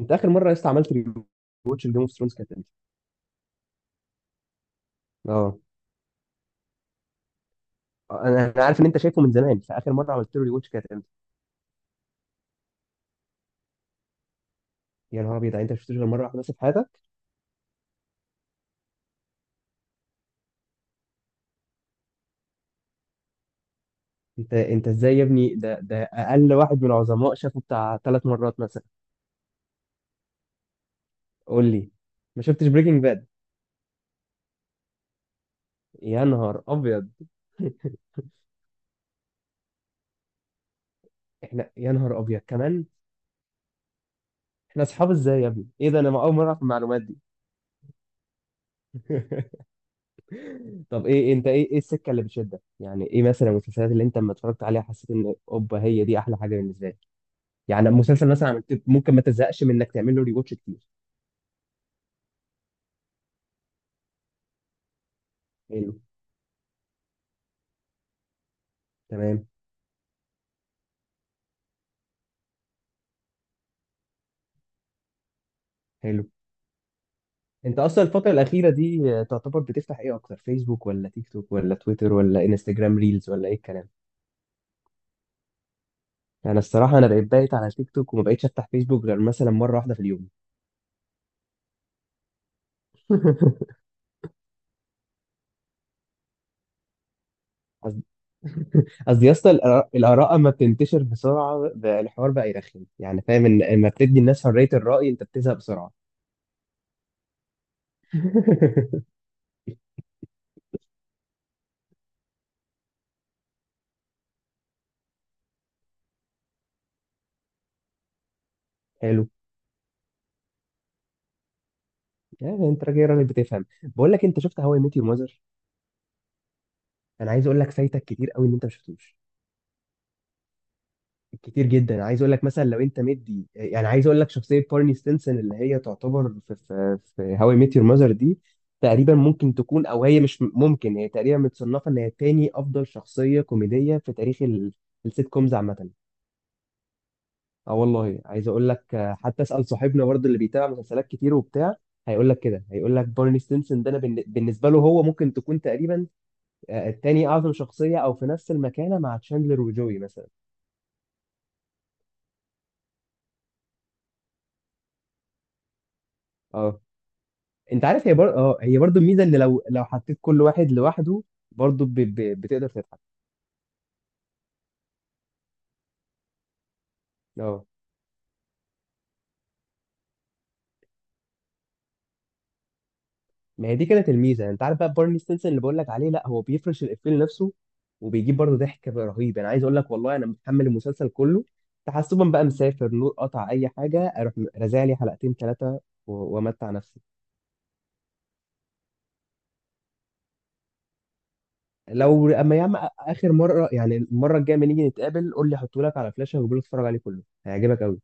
انت اخر مره يا اسطى عملت ريواتش لجيم اوف ثرونز كانت امتى؟ اه، انا عارف ان انت شايفه من زمان، فاخر مره عملت له ريواتش كانت امتى؟ يا نهار ابيض، يعني انت ما شفتوش غير مره واحده بس في حياتك؟ انت ازاي يا ابني؟ ده اقل واحد من العظماء شافه بتاع 3 مرات مثلا. قول لي، ما شفتش بريكنج باد. يا نهار ابيض. احنا يا نهار ابيض كمان. احنا اصحاب ازاي يا ابني؟ ايه ده، انا اول مره اعرف المعلومات دي. طب ايه انت، ايه السكه اللي بتشدك؟ يعني ايه مثلا المسلسلات اللي انت لما اتفرجت عليها حسيت ان اوبا هي دي احلى حاجه بالنسبه لي؟ يعني مسلسل مثلا عملت ممكن ما تزهقش من انك تعمل له ريواتش كتير. حلو. تمام. حلو. انت اصلا الفتره الاخيره دي، تعتبر بتفتح ايه اكتر، فيسبوك ولا تيك توك ولا تويتر ولا انستجرام ريلز ولا ايه الكلام؟ انا الصراحه انا بقيت بايت على تيك توك، وما بقيتش افتح فيسبوك غير مثلا مره واحده في اليوم. قصدي، قصدي، يا اسطى، الآراء اما بتنتشر بسرعه بقى الحوار بقى يرخم. يعني فاهم، ان اما بتدي الناس حريه الراي انت بتزهق بسرعه. حلو. يعني انت راجل راجل بتفهم، بقول لك انت شفت هواي ميت يور؟ انا عايز اقول لك، فايتك كتير قوي ان انت ما شفتوش. كتير جدا. انا عايز اقول لك، مثلا لو انت مدي، يعني عايز اقول لك، شخصيه بارني ستينسون اللي هي تعتبر في هاو اي ميت يور ماذر دي، تقريبا ممكن تكون، او هي مش م- ممكن هي تقريبا متصنفه ان هي تاني افضل شخصيه كوميديه في تاريخ السيت كومز عامه. اه والله عايز اقول لك، حتى اسال صاحبنا برضه اللي بيتابع مسلسلات كتير وبتاع، هيقول لك كده، هيقول لك بارني ستينسون ده، انا بالنسبه له هو ممكن تكون تقريبا التاني اعظم شخصيه، او في نفس المكانه مع تشاندلر وجوي مثلا. آه. انت عارف هي بر... اه هي برضو الميزه، ان لو، لو، حطيت كل واحد لوحده برضو بتقدر تضحك. اه، ما هي دي كانت الميزه. انت عارف بقى بارني ستينسون اللي بقول لك عليه، لا، هو بيفرش الافيه لنفسه، وبيجيب برضو ضحك رهيب. انا عايز اقول لك والله، انا متحمل المسلسل كله، تحسبا بقى مسافر نور قطع اي حاجه اروح رازع لي حلقتين ثلاثه، وامتع نفسي. لو اما يا عم اخر مره، يعني المره الجايه لما نيجي نتقابل قول لي، احطه لك على فلاشه، وقول لي اتفرج عليه كله، هيعجبك قوي.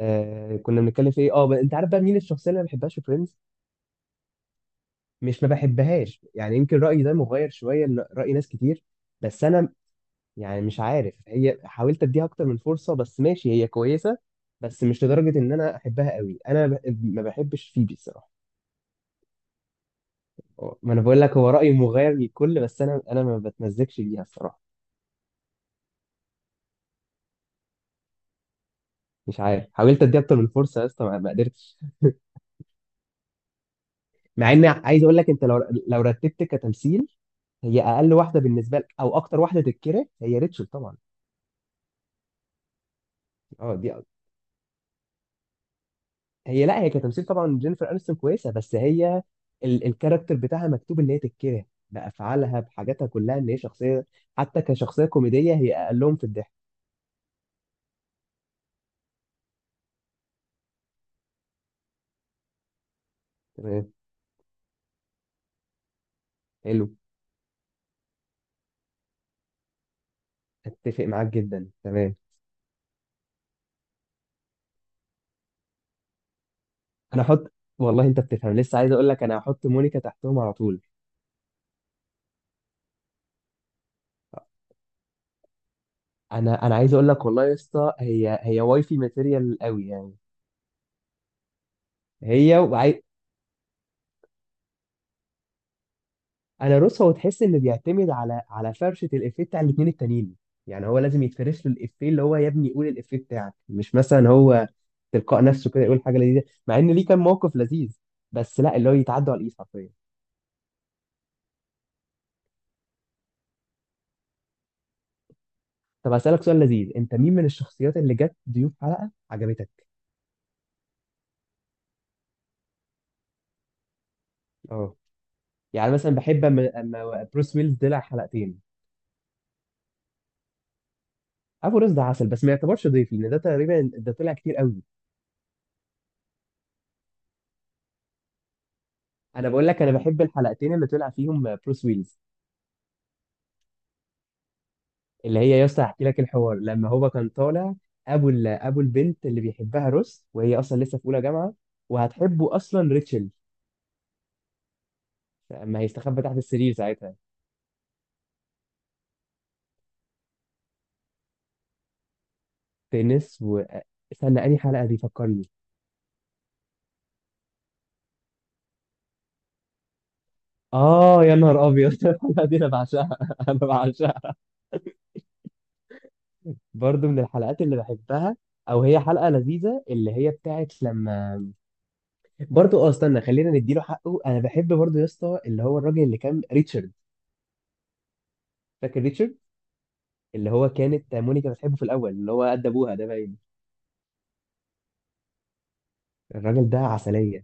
آه، كنا بنتكلم في ايه؟ انت عارف بقى مين الشخصيه اللي ما بحبهاش في فريندز؟ مش ما بحبهاش يعني، يمكن رأيي ده مغاير شوية لرأي ناس كتير، بس أنا، يعني مش عارف، هي حاولت أديها أكتر من فرصة، بس ماشي، هي كويسة، بس مش لدرجة إن أنا أحبها قوي. أنا ما بحبش فيبي الصراحة. ما أنا بقول لك هو رأيي مغاير للكل، بس أنا ما بتمزجش بيها الصراحة. مش عارف، حاولت أديها أكتر من فرصة يا اسطى، ما قدرتش. مع إن عايز أقول لك، أنت لو، لو رتبت كتمثيل، هي أقل واحدة بالنسبة لك، أو أكتر واحدة تتكره هي ريتشل طبعا. أه دي، هي، لا هي كتمثيل طبعا، جينيفر انستون كويسه، بس هي الكاركتر بتاعها مكتوب ان هي تتكره، بافعالها، بحاجاتها كلها، ان هي شخصيه. حتى كشخصيه كوميديه هي اقلهم في الضحك. تمام. حلو. اتفق معاك جدا، تمام. انا احط، والله انت بتفهم لسه، عايز اقول لك، انا هحط مونيكا تحتهم على طول. انا عايز اقول لك والله يا اسطى، هي واي في ماتيريال قوي يعني. هي انا روس، هو تحس انه بيعتمد على، على، فرشه الافيه بتاع الاثنين التانيين. يعني هو لازم يتفرش له الافيه، اللي هو يا ابني قول الافيه بتاعك، مش مثلا هو تلقاء نفسه كده يقول حاجه لذيذه. مع ان ليه كان موقف لذيذ، بس لا، اللي هو يتعدى على الايد حرفيا. طب هسالك سؤال لذيذ، انت مين من الشخصيات اللي جت ضيوف حلقه عجبتك؟ اه، يعني مثلا بحب اما بروس ويلز طلع حلقتين. ابو رز ده عسل، بس ما يعتبرش ضيف، لان ده تقريبا ده طلع كتير قوي. انا بقول لك، انا بحب الحلقتين اللي طلع فيهم بروس ويلز، اللي هي يا اسطى هحكي لك الحوار لما هو كان طالع. ابو البنت اللي بيحبها روس، وهي اصلا لسه في اولى جامعه، وهتحبه اصلا ريتشل، لما هيستخبى تحت السرير ساعتها. تنس استنى انهي حلقه دي، فكرني. اه يا نهار ابيض، الحلقه دي انا بعشقها. انا بعشقها. برضو من الحلقات اللي بحبها، او هي حلقه لذيذه اللي هي بتاعت لما، برضو استنى خلينا نديله حقه. انا بحب برضو يا اسطى اللي هو الراجل اللي كان ريتشارد. فاكر ريتشارد؟ اللي هو كانت مونيكا بتحبه في الاول، اللي هو قد ابوها ده باين. الراجل ده عسليه.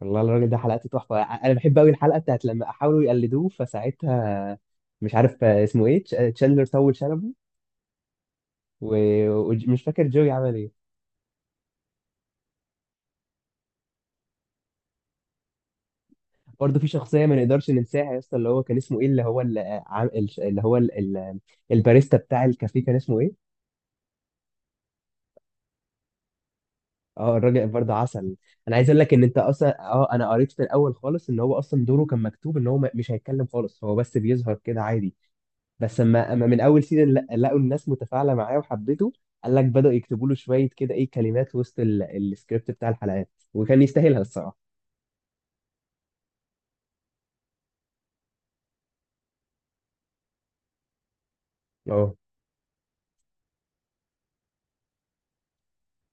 والله الراجل ده حلقته تحفه، انا بحب قوي الحلقه بتاعت لما حاولوا يقلدوه، فساعتها مش عارف اسمه ايه، تشاندلر طول شنبه، ومش فاكر جوي عمل ايه. برضه في شخصيه ما نقدرش ننساها يا اسطى، اللي هو كان اسمه ايه، اللي هو اللي, اللي هو ال- ال- الباريستا بتاع الكافيه كان اسمه ايه؟ اه، الراجل برضه عسل. انا عايز اقول لك ان انت اصلا، انا قريت في الاول خالص، ان هو اصلا دوره كان مكتوب ان هو مش هيتكلم خالص، هو بس بيظهر كده عادي. بس اما من اول سيزون لقوا الناس متفاعله معاه وحبته، قال لك بدأوا يكتبوا له شويه كده ايه كلمات وسط السكريبت بتاع الحلقات، وكان يستاهلها الصراحه. اه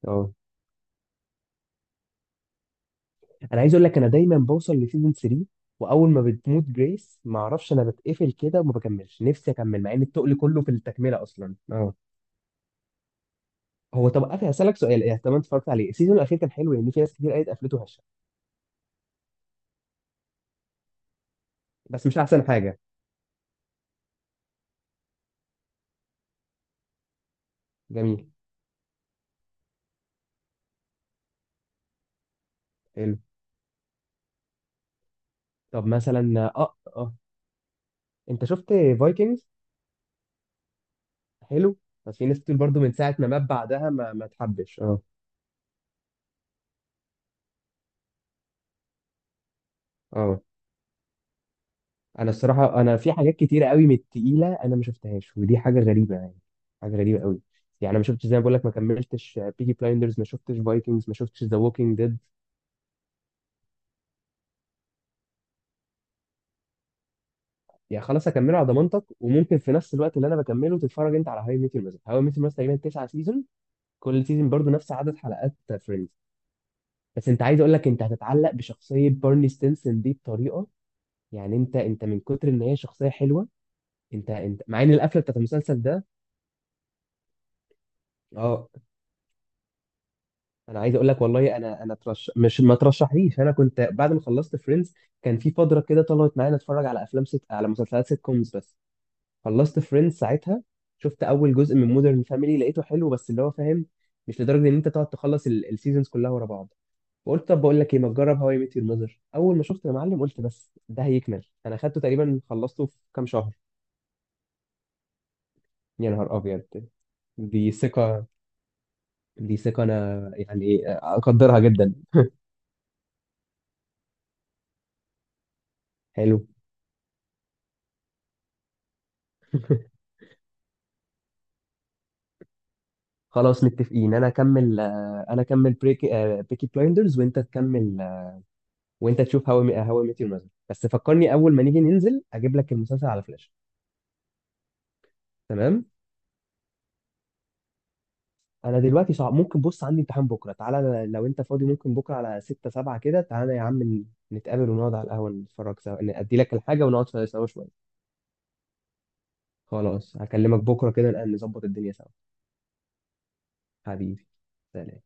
اه انا عايز اقول لك، انا دايما بوصل لسيزون 3، واول ما بتموت جريس ما اعرفش، انا بتقفل كده وما بكملش، نفسي اكمل مع ان التقل كله في التكمله اصلا. اه، هو طب قفل، هسألك سؤال إيه، طب أنت اتفرجت عليه، السيزون الأخير كان حلو؟ لأن في ناس كتير قالت قفلته هشة، بس مش أحسن حاجة. جميل. حلو. طب مثلا، أنت شفت فايكنجز؟ حلو. بس في ناس كتير برضو، من ساعه ما مات بعدها ما تحبش. اه، اه، انا الصراحه، انا في حاجات كتيره قوي من التقيله انا ما شفتهاش، ودي حاجه غريبه يعني، حاجه غريبه قوي. يعني انا ما شفتش، زي ما بقول لك، ما كملتش بيكي بلايندرز، ما شفتش فايكنجز، ما شفتش ذا ووكينج ديد. يعني خلاص اكمله على ضمانتك، وممكن في نفس الوقت اللي انا بكمله تتفرج انت على هاي ميتر، مثلا هاي ميتر مثلا تقريبا 9 سيزون، كل سيزون برضو نفس عدد حلقات فريندز. بس انت، عايز اقول لك، انت هتتعلق بشخصيه بارني ستينسون دي بطريقه، يعني انت من كتر ان هي شخصيه حلوه. انت مع ان القفله بتاعت المسلسل ده. اه، انا عايز اقول لك والله، انا انا ترش مش ما ترشحليش. انا كنت بعد ما خلصت فريندز، كان في فتره كده طلعت معايا اتفرج على على مسلسلات سيت كومز بس. خلصت فريندز ساعتها، شفت اول جزء من مودرن فاميلي لقيته حلو، بس اللي هو فاهم، مش لدرجه ان انت تقعد تخلص السيزونز كلها ورا بعض. وقلت طب بقول لك ايه، ما تجرب هواي ميت يور ماذر. اول ما شفت يا معلم قلت، بس ده هيكمل انا خدته تقريبا، خلصته في كام شهر. يا نهار ابيض، دي ثقه. دي ثقة أنا يعني أقدرها جدا. حلو. خلاص متفقين، أنا أكمل، أنا أكمل بريكي آه، بيكي بلايندرز، وأنت تكمل، وأنت تشوف هاو ميت يور ماذر. بس فكرني أول ما نيجي ننزل أجيب لك المسلسل على فلاش. تمام. أنا دلوقتي صعب، ممكن، بص عندي امتحان بكرة، تعالى لو أنت فاضي، ممكن بكرة على 6 7 كده، تعالى يا عم نتقابل ونقعد على القهوة، نتفرج سوا، إن أدي لك الحاجة ونقعد سوا شوية. خلاص هكلمك بكرة كده، نبقى نظبط الدنيا سوا. حبيبي، سلام.